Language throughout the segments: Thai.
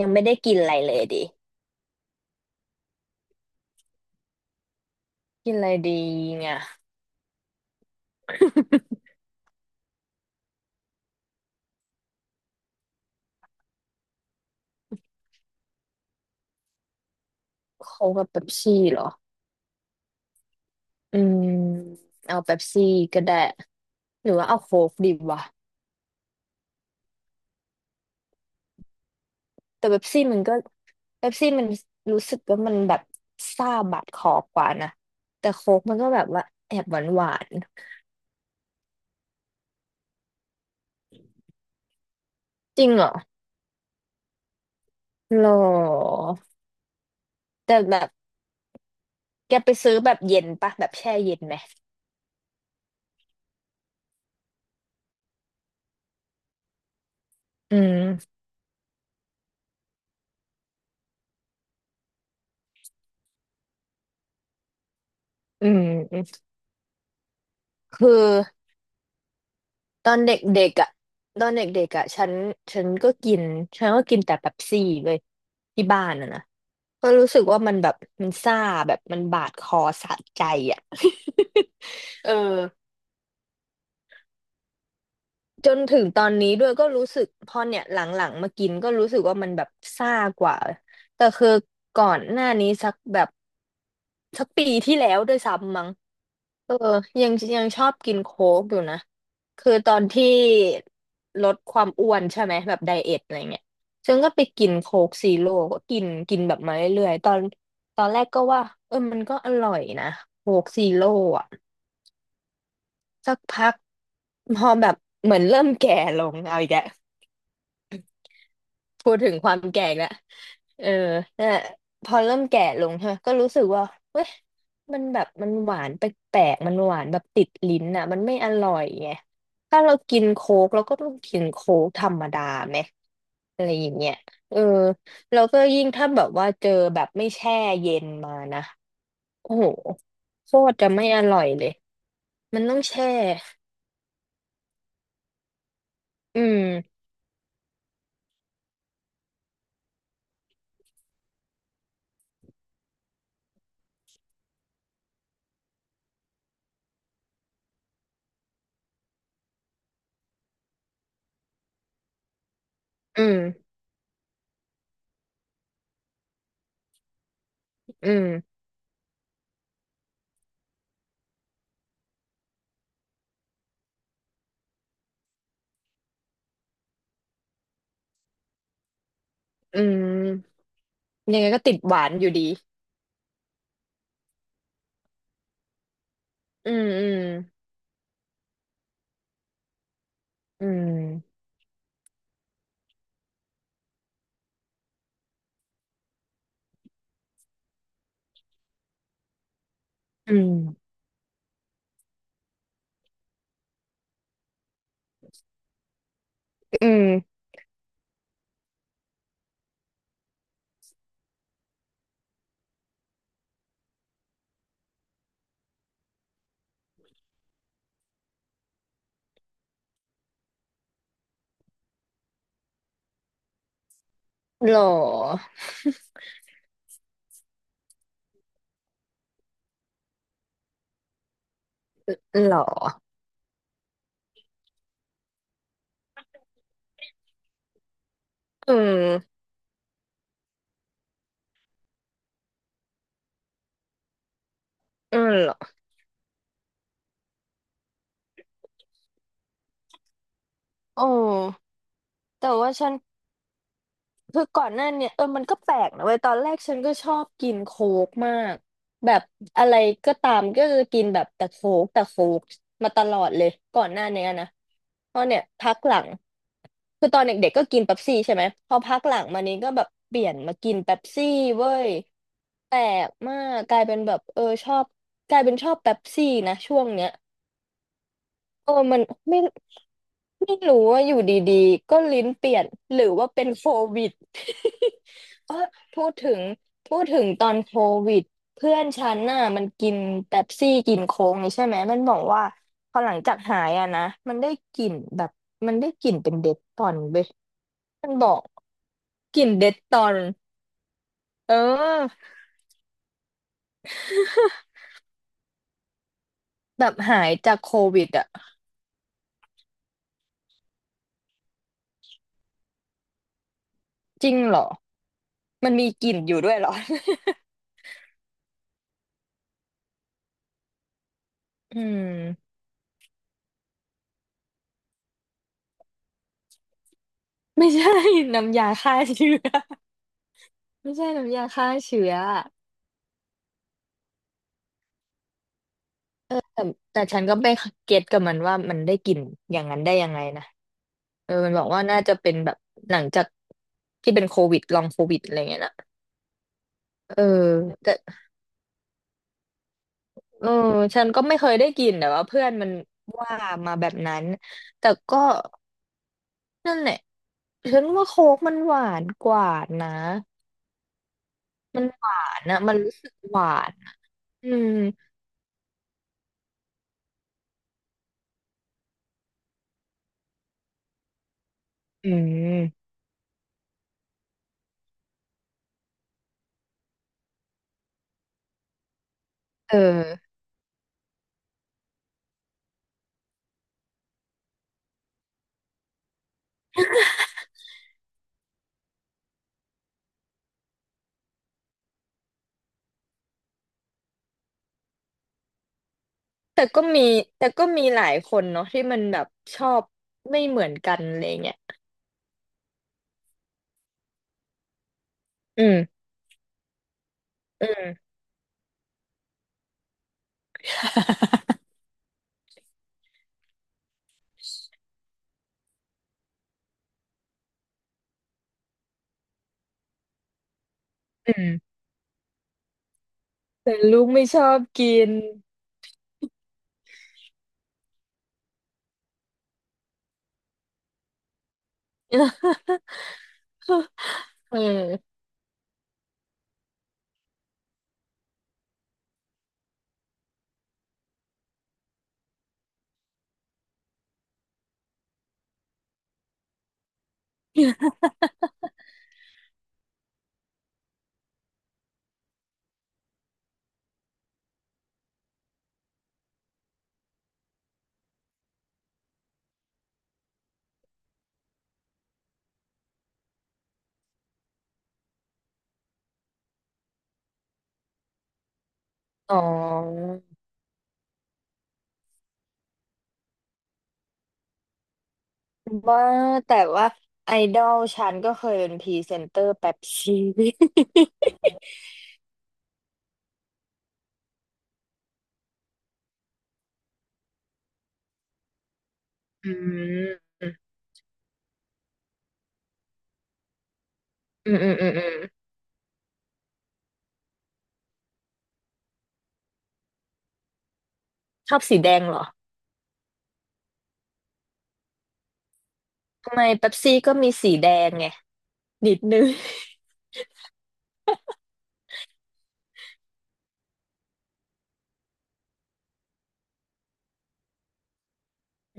ยังไม่ได้กินอะไรเลยดิกินอะไรดีเนี่ยโค้กกับเป๊ปซี่เหรออืมเอาเป๊ปซี่ก็ได้หรือว่าเอาโค้กดีวะแต่เป๊ปซี่มันก็เป๊ปซี่มันรู้สึกว่ามันแบบซ่าบาดคอกว่านะแต่โค้กมันก็แบบว่าแอบหวานหวานจริงเหรอหรอแต่แบบแกไปซื้อแบบเย็นปะแบบแช่เย็นไหมอืมอืมคือ ตอนเด็กๆอ่ะตอนเด็กๆอ่ะฉันฉันก็กินแต่เป๊ปซี่เว้ยที่บ้านอ่ะนะก็รู้สึกว่ามันแบบมันซ่าแบบมันบาดคอสะใจอ่ะ เออจนถึงตอนนี้ด้วยก็รู้สึกพอเนี่ยหลังๆมากินก็รู้สึกว่ามันแบบซ่ากว่าแต่คือก่อนหน้านี้สักแบบสักปีที่แล้วด้วยซ้ำมั้ง เออยังชอบกินโค้กอยู่นะ คือตอนที่ลดความอ้วนใช่ไหมแบบไดเอทอะไรเงี้ยฉันก็ไปกินโค้กซีโร่ก็กินกินแบบมาเรื่อยๆตอนแรกก็ว่าเออมันก็อร่อยนะโค้กซีโร่อะสักพักพอแบบเหมือนเริ่มแก่ลงเอาอีกแล้ว พูดถึงความแก่อีกแล้วเออน่นแหละพอเริ่มแก่ลงใช่ไหมก็รู้สึกว่าเว้ยมันแบบมันหวานแปลกๆมันหวานแบบติดลิ้นอ่ะมันไม่อร่อยไงถ้าเรากินโค้กเราก็ต้องกินโค้กธรรมดาไหมอะไรอย่างเงี้ยเออแล้วก็ยิ่งถ้าแบบว่าเจอแบบไม่แช่เย็นมานะโอ้โหโคตรจะไม่อร่อยเลยมันต้องแช่อืมอืมอืมอืมยังไงก็ติดหวานอยู่ดีอืมอืม อืมอืมอืมหรอหรออืมอืมหรอโอ้แต่ว่าฉัน คือก่อนหน้าเนี่ยเออมันก็แปลกนะเว้ยตอนแรกฉันก็ชอบกินโค้กมากแบบอะไรก็ตามก็คือกินแบบแต่โค้กมาตลอดเลยก่อนหน้าเนี้ยนะเพราะเนี่ยพักหลังคือตอนเด็กๆก็กินเป๊ปซี่ใช่ไหมพอพักหลังมานี้ก็แบบเปลี่ยนมากินเป๊ปซี่เว้ยแปลกมากกลายเป็นแบบเออชอบกลายเป็นชอบเป๊ปซี่นะช่วงเนี้ย เออมันไม่ไม่รู้ว่าอยู่ดีๆก็ลิ้นเปลี่ยนหรือว่าเป็นโควิด เออพูดถึงพูดถึงตอนโควิดเพื่อนฉันน่ะมันกินเป๊ปซี่กินโค้กนี่ใช่ไหมมันบอกว่าพอหลังจากหายอะนะมันได้กลิ่นแบบมันได้กลิ่นเป็นเดทตอนเว้ยมันบอกกลิ่นเดทตอนเออแบบหายจากโควิดอะจริงเหรอมันมีกลิ่นอยู่ด้วยเหรอ อืมไม่ใช่ น้ำยาฆ่าเชื้อ ไม่ใช่น้ำยาฆ่าเชื้ออะแต่แต่ฉันก็ไม่เก็ตกับมันว่ามันได้กลิ่นอย่างนั้นได้ยังไงนะเออมันบอกว่าน่าจะเป็นแบบหลังจากที่เป็นโควิดลองโควิดอะไรเงี้ยนะเออแต่เออฉันก็ไม่เคยได้กลิ่นแต่ว่าเพื่อนมันว่ามาแบบนั้น แต่ก็นั่นแหละฉันว่าโค้กมันหวานกว่านะมันหวานนะมันรู้สึกหวานอืมอืมเออ แต่ก็มีแต่ก็มีหลายคนเนาะที่มันแบบชอบไม่เหมือนกันอะไรเงี้ยอืมอืมอืมแต่ลูกไม่ชอบกินเอออ๋อว่าแต่ว่าไอดอลฉันก็เคยเป็นพรีเซนเตอร์แป๊บชี อืมอืมอืมอืมอืมชอบสีแดงเหรอทำไมเป๊ปซี่ก็มีสีแดงไงนิดนึง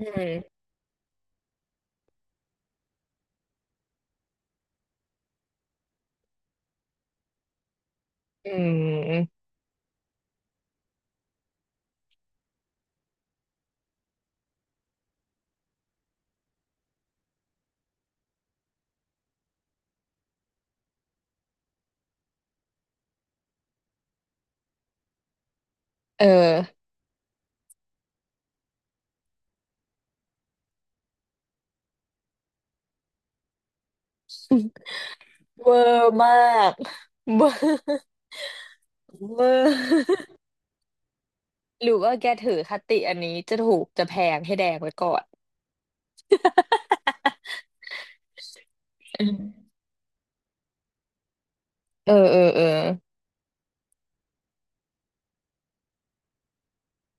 อืมอืมเออเวอร์มาก เวอร์เวอร์ หรือว่าแกถือคติอันนี้จะถูกจะแพงให้แดงไว้ก่อนเออเออเออ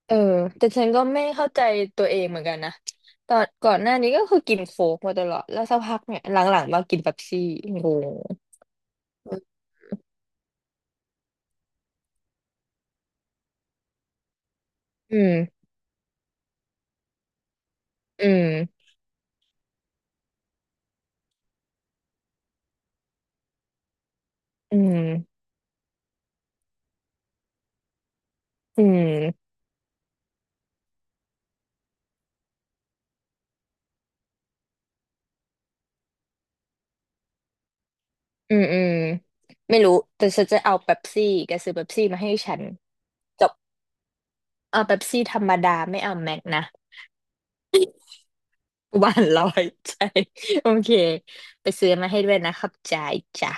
เออ แต่ฉันก็ไม่เข้าใจตัวเองเหมือนกันนะตอนก่อนหน้านี้ก็คือกินโค้กมาตลอดแล้วสักพักเนี่ยหลังๆมากินเป๊ปซี่งงอืมอืมอืมอืมอืมอืมไม่รู้ แต่ฉันจะเอาเป๊ปซี่แกซื้อเป๊ปซี่มาให้ฉันจบเอาเป๊ปซี่ธรรมดาไม่เอาแม็กนะหวานร้อยใจโอเคไปซื้อมาให้ด้วยนะครับจ่ายจ้ะ